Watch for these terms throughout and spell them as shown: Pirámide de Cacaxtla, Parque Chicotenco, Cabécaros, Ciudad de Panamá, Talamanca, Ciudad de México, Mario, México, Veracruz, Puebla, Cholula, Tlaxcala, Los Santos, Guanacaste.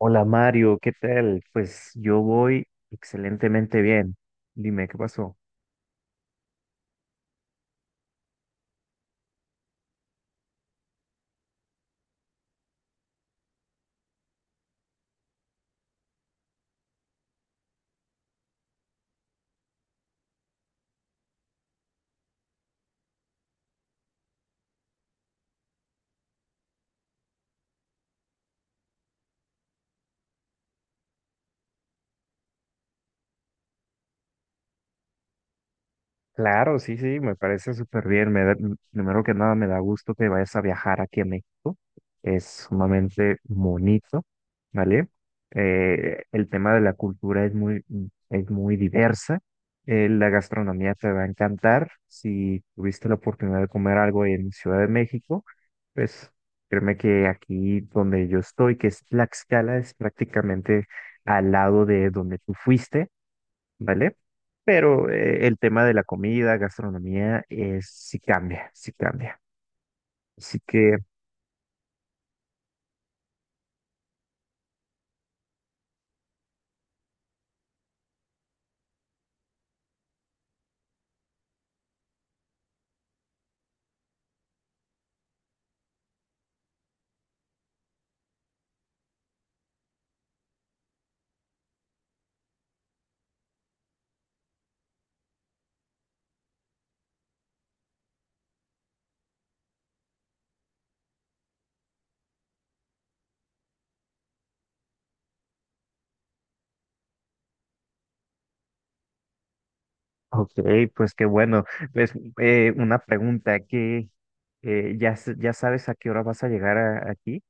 Hola Mario, ¿qué tal? Pues yo voy excelentemente bien. Dime, ¿qué pasó? Claro, sí, sí, me parece súper bien. Primero que nada, me da gusto que vayas a viajar aquí a México. Es sumamente bonito, ¿vale? El tema de la cultura es muy diversa. La gastronomía te va a encantar. Si tuviste la oportunidad de comer algo en Ciudad de México, pues créeme que aquí donde yo estoy, que es Tlaxcala, es prácticamente al lado de donde tú fuiste, ¿vale? Pero el tema de la comida, gastronomía, es, sí cambia, sí cambia. Así que, ok, pues qué bueno. Pues una pregunta que ya sabes a qué hora vas a llegar aquí.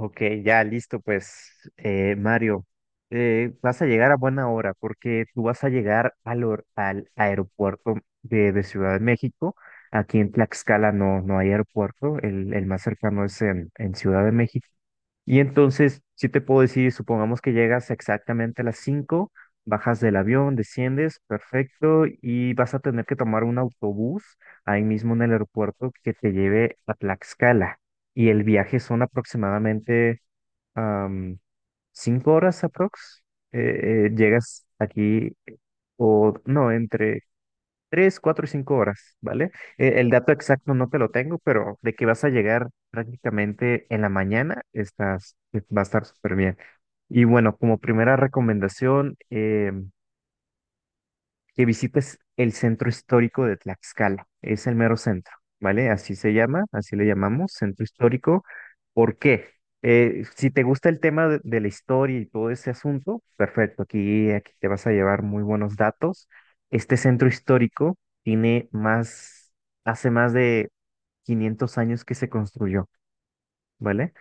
Ok, ya listo, pues Mario, vas a llegar a buena hora porque tú vas a llegar al aeropuerto de Ciudad de México. Aquí en Tlaxcala no hay aeropuerto, el más cercano es en Ciudad de México. Y entonces, si te puedo decir, supongamos que llegas exactamente a las 5, bajas del avión, desciendes, perfecto, y vas a tener que tomar un autobús ahí mismo en el aeropuerto que te lleve a Tlaxcala. Y el viaje son aproximadamente am, 5 horas aprox, llegas aquí, o no, entre 3, 4 y 5 horas, ¿vale? El dato exacto no te lo tengo, pero de que vas a llegar prácticamente en la mañana, va a estar súper bien. Y bueno, como primera recomendación, que visites el centro histórico de Tlaxcala. Es el mero centro, ¿vale? Así se llama, así le llamamos, centro histórico. ¿Por qué? Si te gusta el tema de la historia y todo ese asunto, perfecto, aquí te vas a llevar muy buenos datos. Este centro histórico hace más de 500 años que se construyó, ¿vale?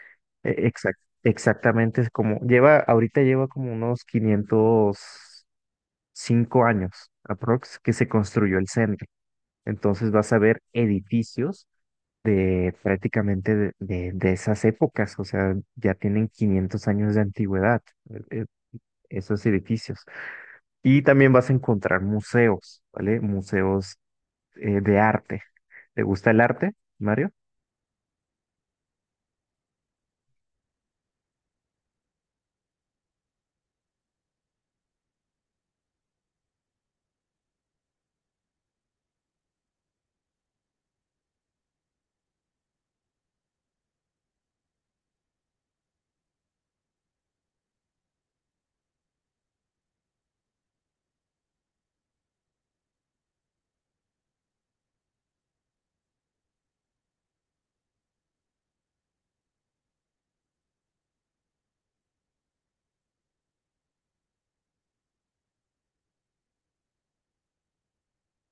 Exactamente, es como, ahorita lleva como unos 505 años aprox que se construyó el centro. Entonces vas a ver edificios de prácticamente de esas épocas, o sea, ya tienen 500 años de antigüedad eh, eh, esos edificios. Y también vas a encontrar museos, ¿vale? Museos de arte. ¿Te gusta el arte, Mario?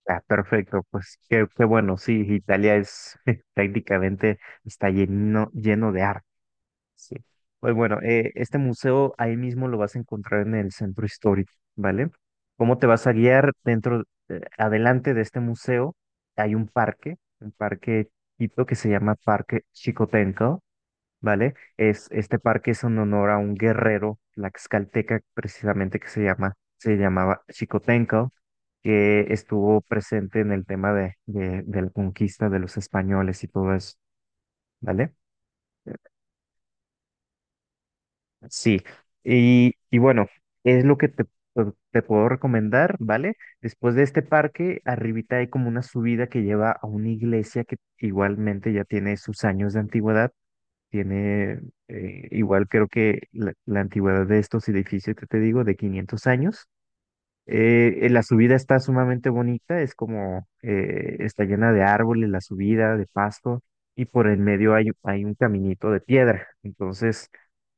Ah, perfecto, pues qué bueno, sí, Italia es prácticamente, está lleno, lleno de arte. Sí. Pues bueno, este museo ahí mismo lo vas a encontrar en el centro histórico, ¿vale? ¿Cómo te vas a guiar dentro, adelante de este museo? Hay un parque tipo que se llama Parque Chicotenco, ¿vale? Este parque es en honor a un guerrero tlaxcalteca precisamente que se llamaba Chicotenco, que estuvo presente en el tema de la conquista de los españoles y todo eso, ¿vale? Sí, y bueno, es lo que te puedo recomendar, ¿vale? Después de este parque, arribita hay como una subida que lleva a una iglesia que igualmente ya tiene sus años de antigüedad, tiene igual creo que la antigüedad de estos edificios que te digo, de 500 años. La subida está sumamente bonita, es como, está llena de árboles, la subida, de pasto, y por el medio hay un caminito de piedra. Entonces,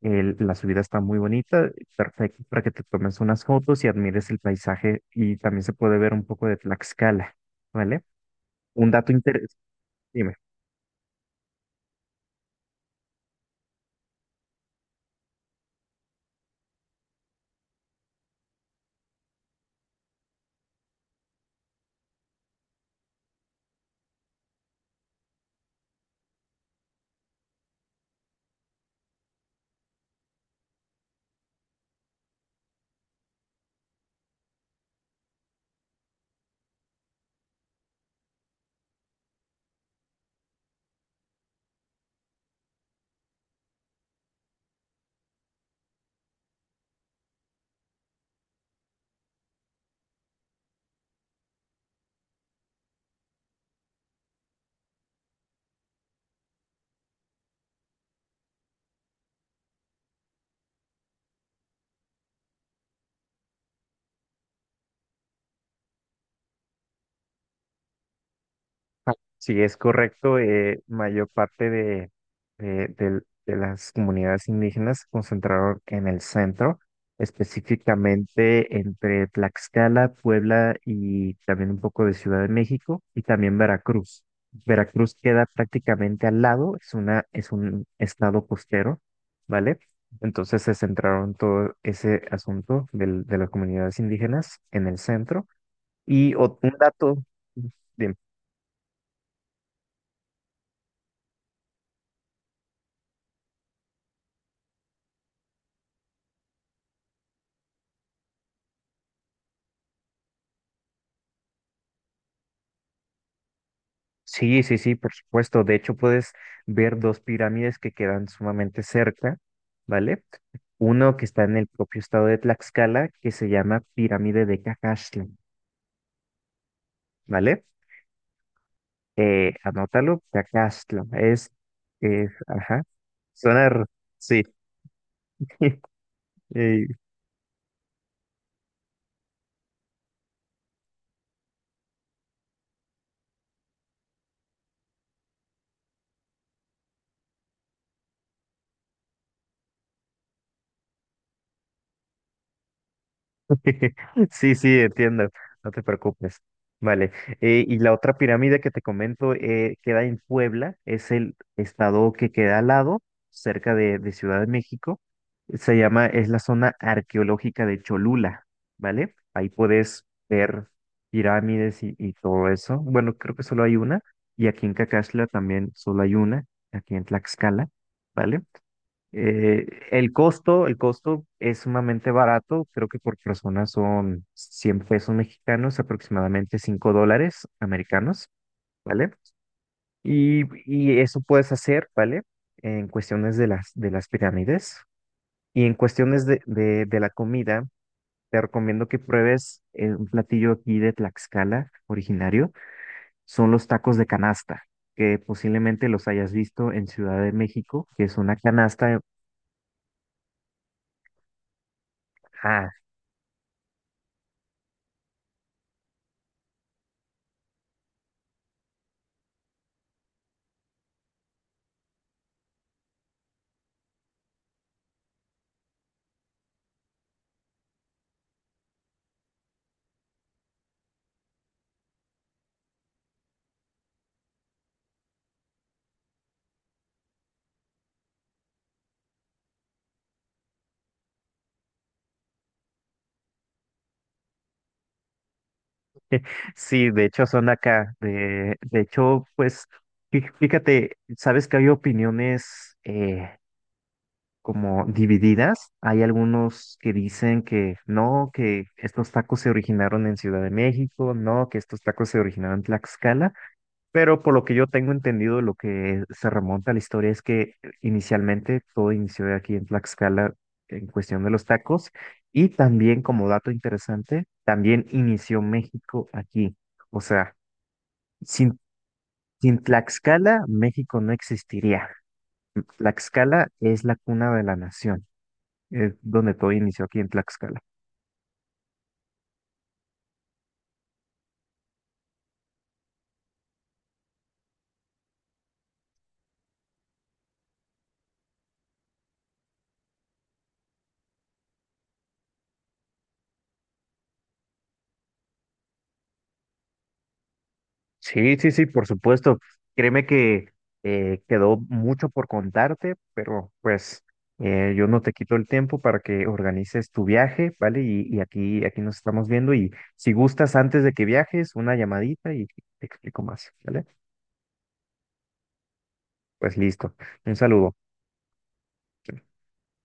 la subida está muy bonita, perfecto para que te tomes unas fotos y admires el paisaje, y también se puede ver un poco de Tlaxcala, ¿vale? Un dato interesante. Sí, es correcto. Mayor parte de las comunidades indígenas se concentraron en el centro, específicamente entre Tlaxcala, Puebla y también un poco de Ciudad de México y también Veracruz. Veracruz queda prácticamente al lado, es un estado costero, ¿vale? Entonces se centraron todo ese asunto de las comunidades indígenas en el centro. Y un dato. Dime. Sí, sí, sí, por supuesto. De hecho, puedes ver dos pirámides que quedan sumamente cerca, ¿vale? Uno que está en el propio estado de Tlaxcala, que se llama Pirámide de Cacaxtla, ¿vale? Anótalo, Cacaxtla. Ajá, sonar, sí. Eh, Sí, sí, entiendo, no te preocupes. Vale, y la otra pirámide que te comento queda en Puebla, es el estado que queda al lado, cerca de Ciudad de México. Es la zona arqueológica de Cholula, ¿vale? Ahí puedes ver pirámides y todo eso. Bueno, creo que solo hay una, y aquí en Cacaxla también solo hay una, aquí en Tlaxcala, ¿vale? El costo, el costo es sumamente barato, creo que por persona son 100 pesos mexicanos, aproximadamente 5 dólares americanos, ¿vale? Y eso puedes hacer, ¿vale? En cuestiones de las pirámides y en cuestiones de la comida, te recomiendo que pruebes un platillo aquí de Tlaxcala, originario, son los tacos de canasta, que posiblemente los hayas visto en Ciudad de México, que es una canasta. Ajá, sí, de hecho son de acá. De hecho, pues, fíjate, sabes que hay opiniones como divididas. Hay algunos que dicen que no, que estos tacos se originaron en Ciudad de México, no, que estos tacos se originaron en Tlaxcala. Pero por lo que yo tengo entendido, lo que se remonta a la historia es que inicialmente todo inició aquí en Tlaxcala en cuestión de los tacos y también como dato interesante, también inició México aquí. O sea, sin, sin Tlaxcala, México no existiría. Tlaxcala es la cuna de la nación, es donde todo inició aquí en Tlaxcala. Sí, sí, sí, por supuesto. Créeme que quedó mucho por contarte, pero pues yo no te quito el tiempo para que organices tu viaje, ¿vale? Y aquí nos estamos viendo y si gustas antes de que viajes, una llamadita y te explico más, ¿vale? Pues listo. Un saludo.